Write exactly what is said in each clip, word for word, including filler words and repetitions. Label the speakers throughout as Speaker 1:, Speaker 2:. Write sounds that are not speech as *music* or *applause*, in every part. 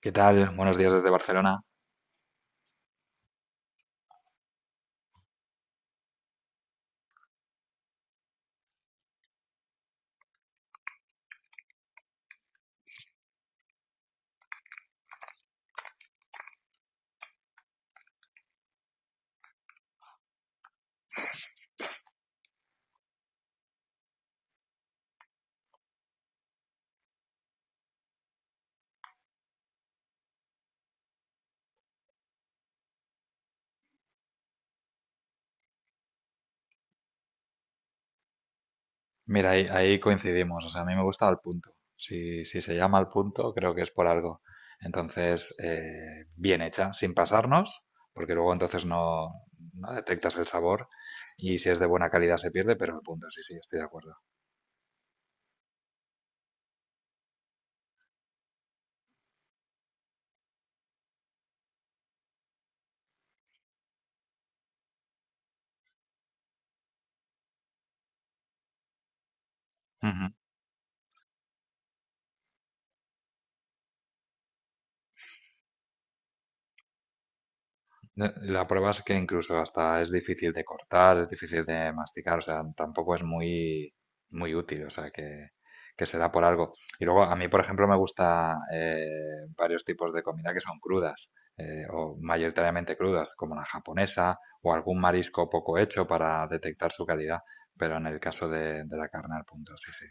Speaker 1: ¿Qué tal? Buenos días desde Barcelona. Mira, ahí, ahí coincidimos. O sea, a mí me gusta Al Punto. Si, si se llama Al Punto, creo que es por algo. Entonces, eh, bien hecha, sin pasarnos, porque luego entonces no, no detectas el sabor y si es de buena calidad se pierde, pero el punto sí, sí, estoy de acuerdo. No, la prueba es que incluso hasta es difícil de cortar, es difícil de masticar, o sea, tampoco es muy, muy útil, o sea, que, que se da por algo. Y luego, a mí, por ejemplo, me gusta eh, varios tipos de comida que son crudas, eh, o mayoritariamente crudas, como la japonesa, o algún marisco poco hecho para detectar su calidad, pero en el caso de, de la carne al punto, sí, sí.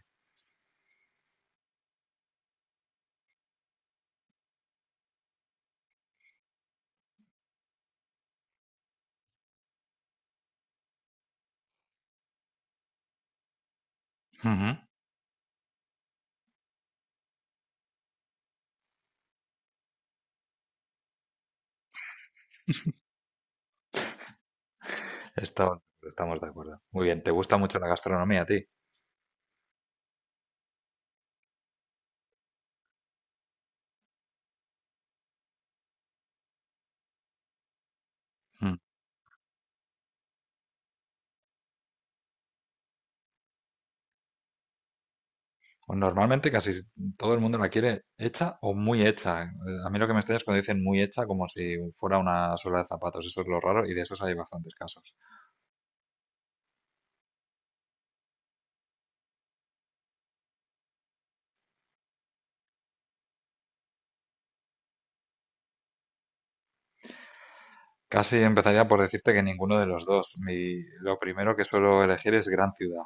Speaker 1: Ujú. *laughs* Estamos, estamos de acuerdo. Muy bien, ¿te gusta mucho la gastronomía a ti? Pues normalmente casi todo el mundo la quiere hecha o muy hecha. Eh, A mí lo que me extraña es cuando dicen muy hecha como si fuera una suela de zapatos. Eso es lo raro y de esos hay bastantes casos. Casi empezaría por decirte que ninguno de los dos. Mi, lo primero que suelo elegir es gran ciudad.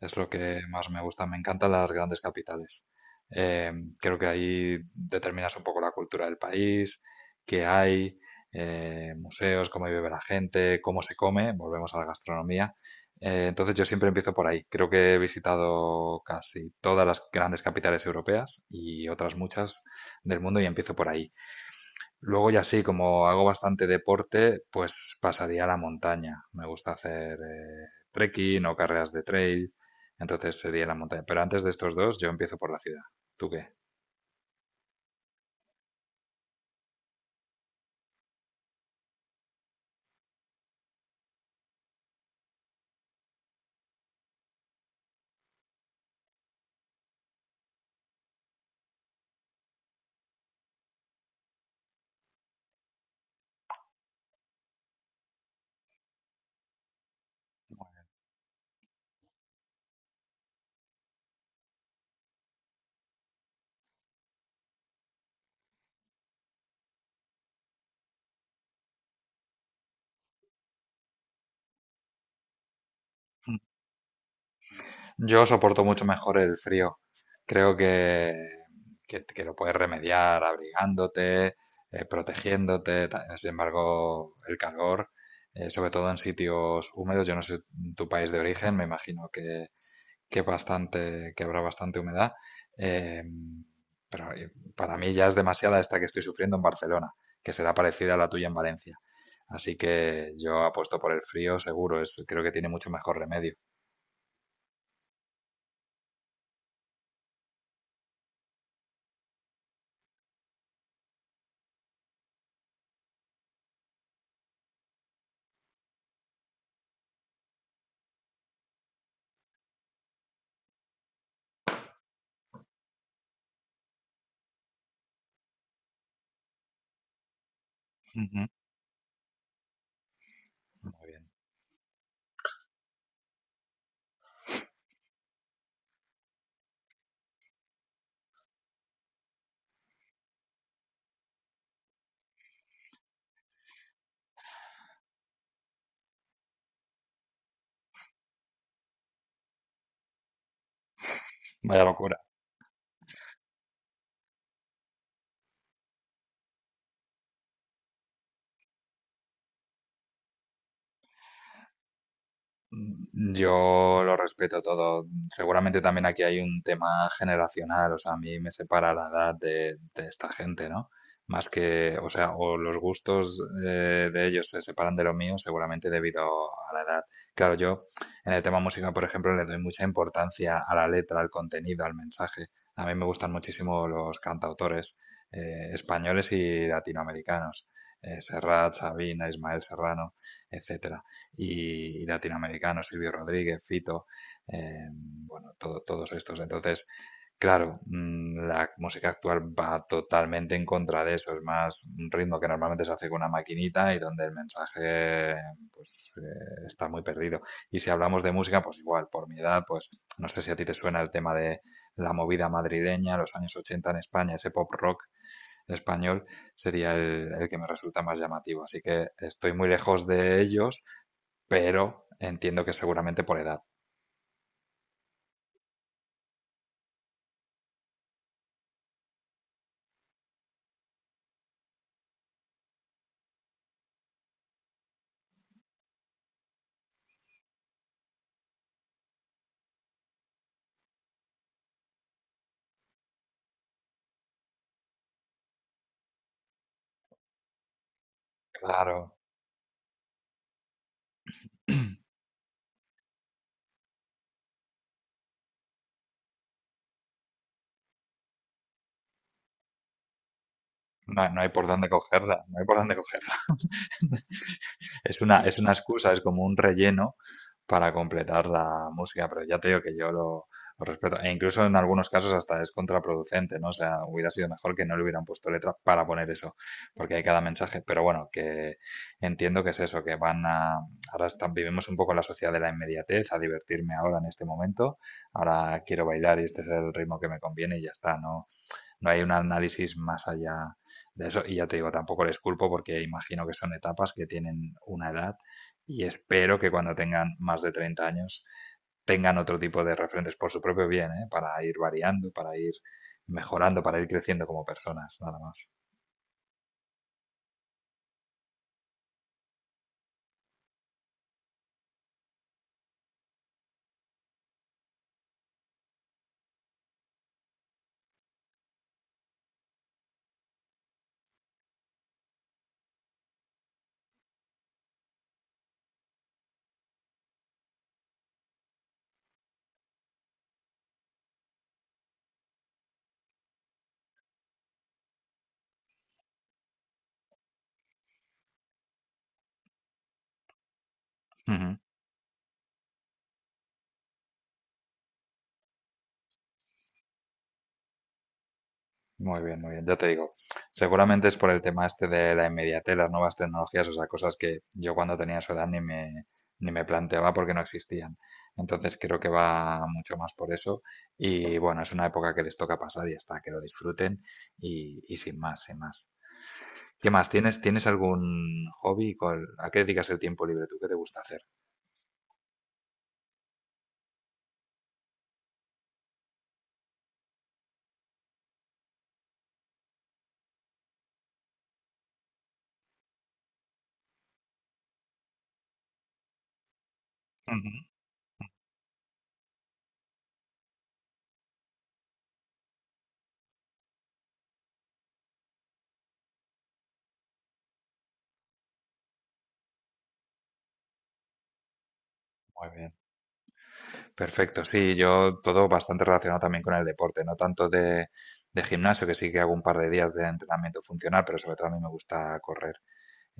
Speaker 1: Es lo que más me gusta. Me encantan las grandes capitales. Eh, Creo que ahí determinas un poco la cultura del país, qué hay, eh, museos, cómo vive la gente, cómo se come. Volvemos a la gastronomía. Eh, entonces yo siempre empiezo por ahí. Creo que he visitado casi todas las grandes capitales europeas y otras muchas del mundo y empiezo por ahí. Luego ya sí, como hago bastante deporte, pues pasaría a la montaña. Me gusta hacer eh, trekking o carreras de trail, entonces sería la montaña. Pero antes de estos dos, yo empiezo por la ciudad. ¿Tú qué? Yo soporto mucho mejor el frío. Creo que, que, que lo puedes remediar abrigándote, eh, protegiéndote. ta- Sin embargo, el calor, eh, sobre todo en sitios húmedos, yo no sé tu país de origen, me imagino que, que bastante, que habrá bastante humedad. eh, pero eh, para mí ya es demasiada esta que estoy sufriendo en Barcelona, que será parecida a la tuya en Valencia. Así que yo apuesto por el frío, seguro, es, creo que tiene mucho mejor remedio. Ujú. Muy bien. Vaya locura. Mm, yo lo respeto todo. Seguramente también aquí hay un tema generacional, o sea, a mí me separa la edad de, de esta gente, ¿no? Más que, o sea, o los gustos eh, de ellos se separan de los míos, seguramente debido a la edad. Claro, yo en el tema música, por ejemplo, le doy mucha importancia a la letra, al contenido, al mensaje. A mí me gustan muchísimo los cantautores eh, españoles y latinoamericanos. eh, Serrat, Sabina, Ismael Serrano, etcétera y, y latinoamericanos, Silvio Rodríguez, Fito, eh, bueno, todo, todos estos. Entonces, claro, mm, la música actual va totalmente en contra de eso. Es más un ritmo que normalmente se hace con una maquinita y donde el mensaje pues, eh, está muy perdido. Y si hablamos de música, pues igual, por mi edad, pues no sé si a ti te suena el tema de la movida madrileña, los años ochenta en España, ese pop rock español sería el, el que me resulta más llamativo. Así que estoy muy lejos de ellos, pero entiendo que seguramente por edad. Claro, no no hay por dónde cogerla, no hay por dónde cogerla. *laughs* Es una, es una excusa, es como un relleno para completar la música, pero ya te digo que yo lo, lo respeto. E incluso en algunos casos hasta es contraproducente, ¿no? O sea, hubiera sido mejor que no le hubieran puesto letra para poner eso, porque hay cada mensaje. Pero bueno, que entiendo que es eso, que van a... Ahora están, vivimos un poco en la sociedad de la inmediatez, a divertirme ahora en este momento. Ahora quiero bailar y este es el ritmo que me conviene y ya está, ¿no? No hay un análisis más allá de eso. Y ya te digo, tampoco les culpo porque imagino que son etapas que tienen una edad y espero que cuando tengan más de treinta años tengan otro tipo de referentes por su propio bien, ¿eh? Para ir variando, para ir mejorando, para ir creciendo como personas, nada más. Ujú. Muy bien, muy bien, ya te digo. Seguramente es por el tema este de la inmediatez, las nuevas tecnologías, o sea, cosas que yo cuando tenía su edad ni me, ni me planteaba porque no existían. Entonces creo que va mucho más por eso. Y bueno, es una época que les toca pasar y ya está, que lo disfruten y, y sin más, sin más. ¿Qué más? ¿Tienes, tienes algún hobby? ¿Cuál- ¿A qué dedicas el tiempo libre tú? ¿Qué te gusta hacer? Ujú, muy bien. Perfecto, sí, yo todo bastante relacionado también con el deporte, no tanto de, de gimnasio, que sí que hago un par de días de entrenamiento funcional, pero sobre todo a mí me gusta correr.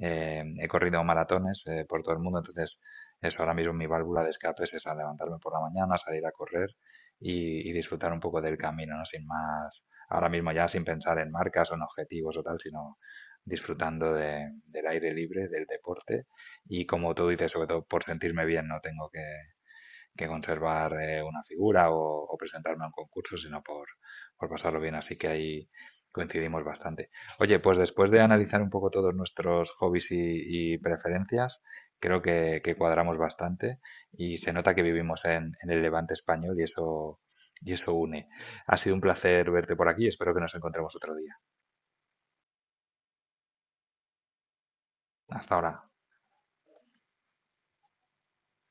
Speaker 1: Eh, he corrido maratones eh, por todo el mundo, entonces eso ahora mismo mi válvula de escape es esa, levantarme por la mañana, salir a correr y, y disfrutar un poco del camino, ¿no? Sin más, ahora mismo ya sin pensar en marcas o en objetivos o tal, sino disfrutando de- del aire libre, del deporte y como tú dices, sobre todo por sentirme bien, no tengo que que conservar eh, una figura o, o presentarme a un concurso, sino por, por pasarlo bien. Así que ahí coincidimos bastante. Oye, pues después de analizar un poco todos nuestros hobbies y, y preferencias, creo que, que cuadramos bastante y se nota que vivimos en, en el Levante español y eso, y eso une. Ha sido un placer verte por aquí, espero que nos encontremos otro día. Hasta ahora.